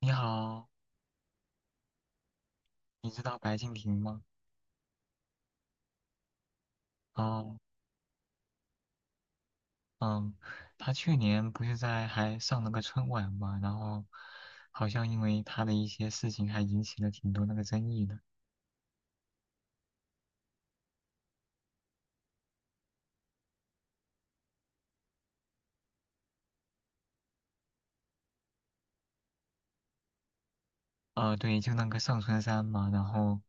你好。你知道白敬亭吗？哦。嗯，他去年不是在还上了个春晚嘛，然后好像因为他的一些事情还引起了挺多那个争议的。对，就那个上春山嘛，然后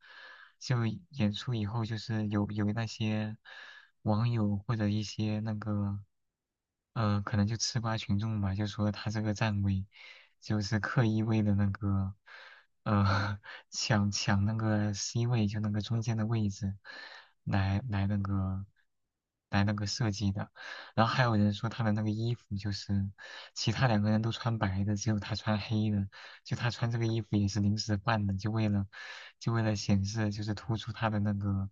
就演出以后，就是有那些网友或者一些那个，可能就吃瓜群众吧，就说他这个站位就是刻意为了那个，呃 抢那个 C 位，就那个中间的位置，来来那个来那个设计的。然后还有人说他的那个衣服就是其他两个人都穿白的，只有他穿黑的。就他穿这个衣服也是临时换的，就为了显示就是突出他的那个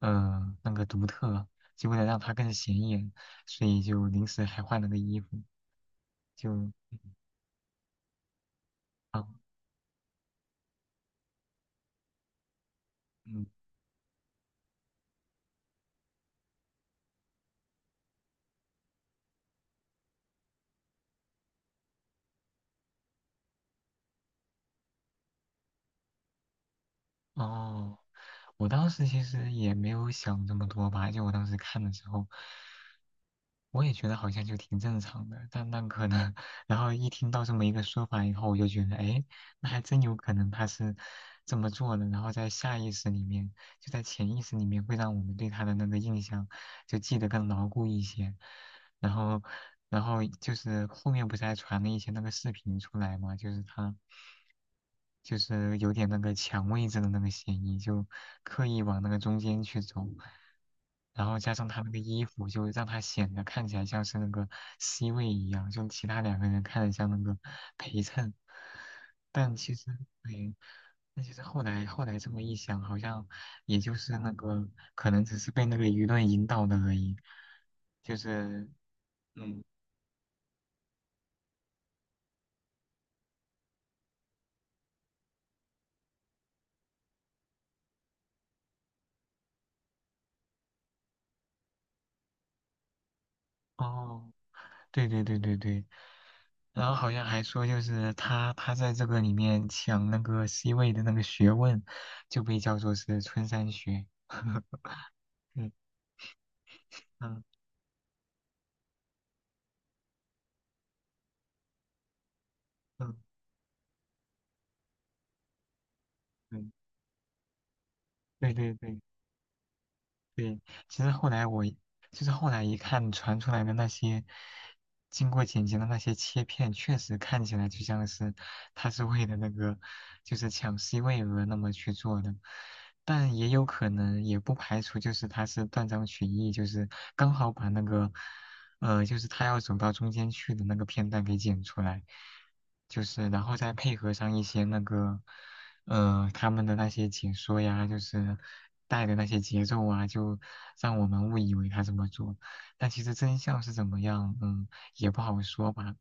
那个独特，就为了让他更显眼，所以就临时还换了个衣服，就嗯，哦，我当时其实也没有想这么多吧，就我当时看的时候。我也觉得好像就挺正常的，但那可能，然后一听到这么一个说法以后，我就觉得，哎，那还真有可能他是这么做的，然后在下意识里面，就在潜意识里面，会让我们对他的那个印象就记得更牢固一些。然后，然后就是后面不是还传了一些那个视频出来嘛，就是他就是有点那个抢位置的那个嫌疑，就刻意往那个中间去走，然后加上他那个衣服，就让他显得看起来像是那个 C 位一样，就其他两个人看着像那个陪衬，但其实，对，那其实后来这么一想，好像也就是那个可能只是被那个舆论引导的而已，就是嗯哦，对对对对对。然后好像还说，就是他在这个里面抢那个 C 位的那个学问，就被叫做是春山学。嗯嗯嗯，对对对对，对，其实后来我就是后来一看传出来的那些经过剪辑的那些切片，确实看起来就像是他是为了那个就是抢 C 位而那么去做的，但也有可能也不排除就是他是断章取义，就是刚好把那个就是他要走到中间去的那个片段给剪出来，就是然后再配合上一些那个。他们的那些解说呀，就是带的那些节奏啊，就让我们误以为他这么做。但其实真相是怎么样，也不好说吧。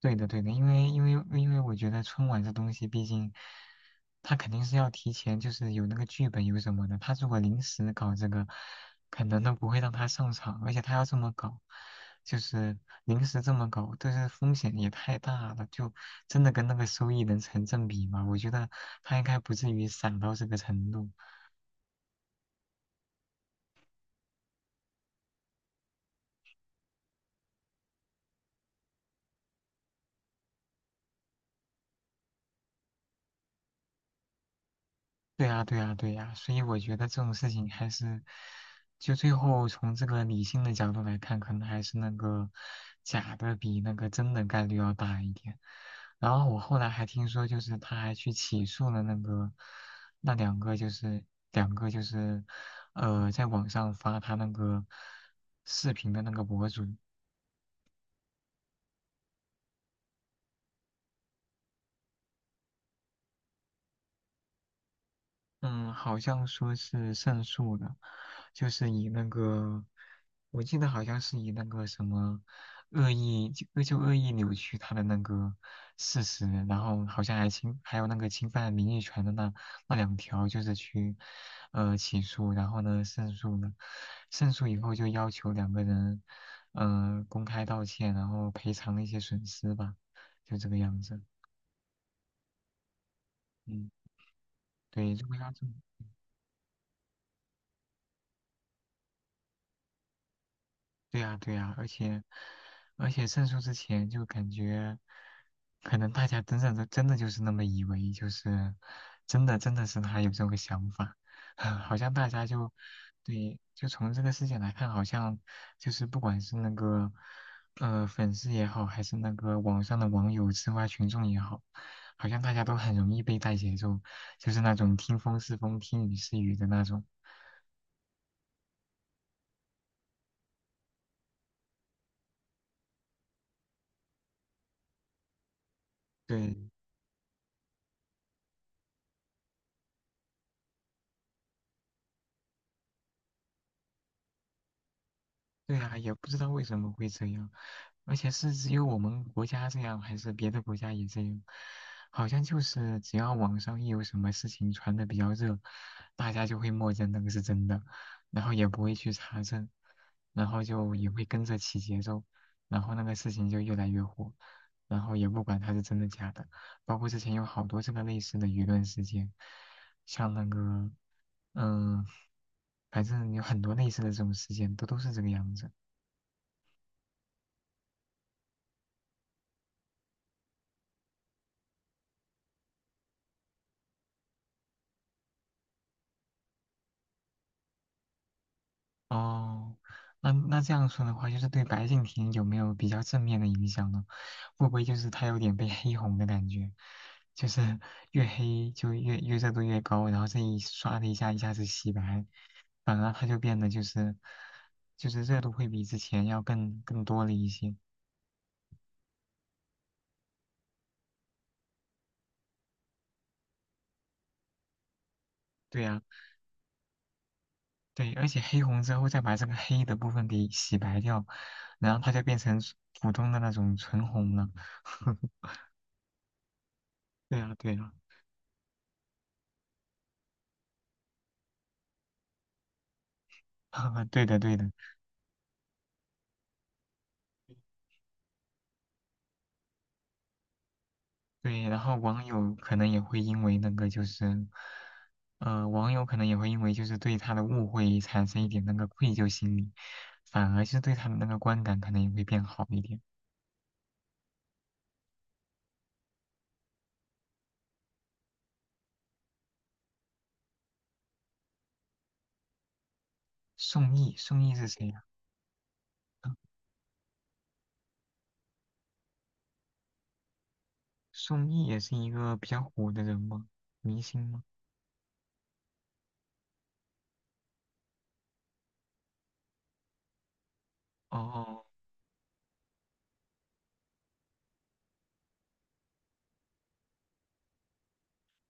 对的，对的，因为我觉得春晚这东西，毕竟他肯定是要提前，就是有那个剧本有什么的。他如果临时搞这个，可能都不会让他上场，而且他要这么搞，就是临时这么搞，但是风险也太大了，就真的跟那个收益能成正比吗？我觉得他应该不至于散到这个程度。对呀，对呀，对呀，所以我觉得这种事情还是，就最后从这个理性的角度来看，可能还是那个假的比那个真的概率要大一点。然后我后来还听说，就是他还去起诉了那个那两个，就是两个就是在网上发他那个视频的那个博主。嗯，好像说是胜诉的，就是以那个，我记得好像是以那个什么恶意，就恶意扭曲他的那个事实，然后好像还有那个侵犯名誉权的那两条，就是去起诉，然后呢胜诉呢，胜诉以后就要求两个人公开道歉，然后赔偿一些损失吧，就这个样子。嗯，对，如果要这么。对呀，对呀，而且胜诉之前就感觉，可能大家真的真的就是那么以为，就是真的真的是他有这个想法，好像大家就，对，就从这个事件来看，好像就是不管是那个粉丝也好，还是那个网上的网友、吃瓜群众也好，好像大家都很容易被带节奏，就是那种听风是风，听雨是雨的那种。对，对啊，也不知道为什么会这样，而且是只有我们国家这样，还是别的国家也这样？好像就是只要网上一有什么事情传的比较热，大家就会默认那个是真的，然后也不会去查证，然后就也会跟着起节奏，然后那个事情就越来越火，然后也不管它是真的假的。包括之前有好多这个类似的舆论事件，像那个嗯，反正有很多类似的这种事件，都是这个样子。哦，那这样说的话，就是对白敬亭有没有比较正面的影响呢？会不会就是他有点被黑红的感觉？就是越黑就越热度越高，然后这一刷的一下一下子洗白，反而他就变得就是热度会比之前要更多了一些。对呀，对，而且黑红之后再把这个黑的部分给洗白掉，然后他就变成普通的那种纯红了。对呀，对呀，对的，对的。对，然后网友可能也会因为那个就是，网友可能也会因为就是对他的误会产生一点那个愧疚心理，反而是对他的那个观感可能也会变好一点。宋轶，宋轶是谁呀，啊，宋轶也是一个比较火的人吗？明星吗？哦哦，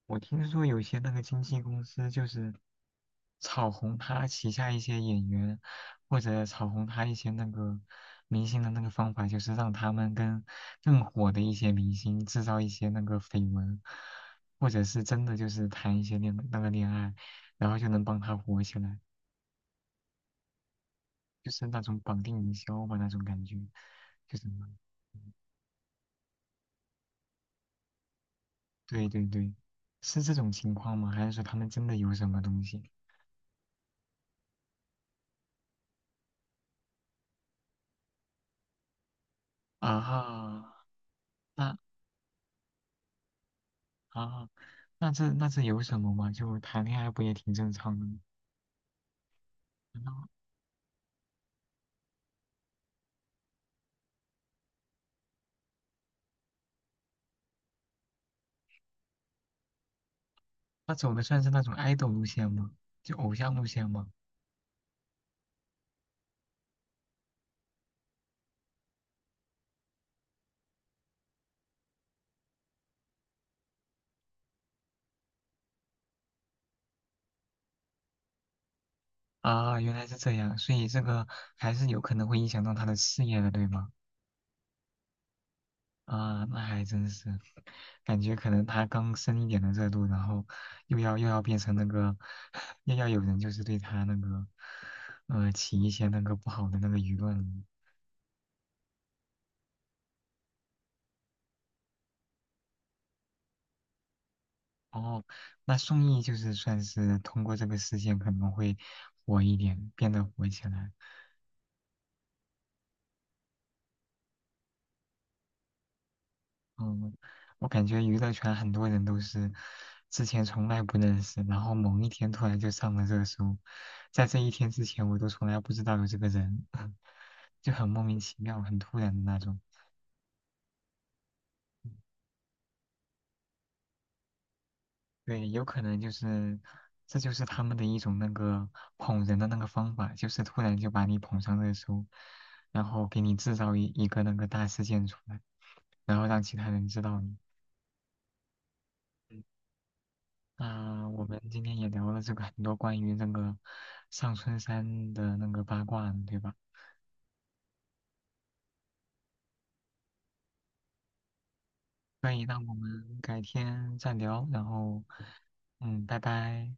我听说有些那个经纪公司就是炒红他旗下一些演员，或者炒红他一些那个明星的那个方法，就是让他们跟更火的一些明星制造一些那个绯闻，或者是真的就是谈一些那个恋爱，然后就能帮他火起来，就是那种绑定营销吧那种感觉，就是那种嗯对对对，是这种情况吗？还是说他们真的有什么东西啊？那。啊，那这有什么嘛？就谈恋爱不也挺正常的吗？那他走的算是那种 idol 路线吗？就偶像路线吗？啊，原来是这样，所以这个还是有可能会影响到他的事业的，对吗？啊，那还真是，感觉可能他刚升一点的热度，然后又要变成那个，又要有人就是对他那个，起一些那个不好的那个舆论了。哦，那宋轶就是算是通过这个事件可能会火一点，变得火起来。嗯，我感觉娱乐圈很多人都是之前从来不认识，然后某一天突然就上了热搜，在这一天之前我都从来不知道有这个人，就很莫名其妙，很突然的那种。对，有可能就是，这就是他们的一种那个捧人的那个方法，就是突然就把你捧上热搜，然后给你制造一个那个大事件出来，然后让其他人知道你。嗯，那我们今天也聊了这个很多关于那个上春山的那个八卦呢对吧？所以那我们改天再聊，然后，拜拜。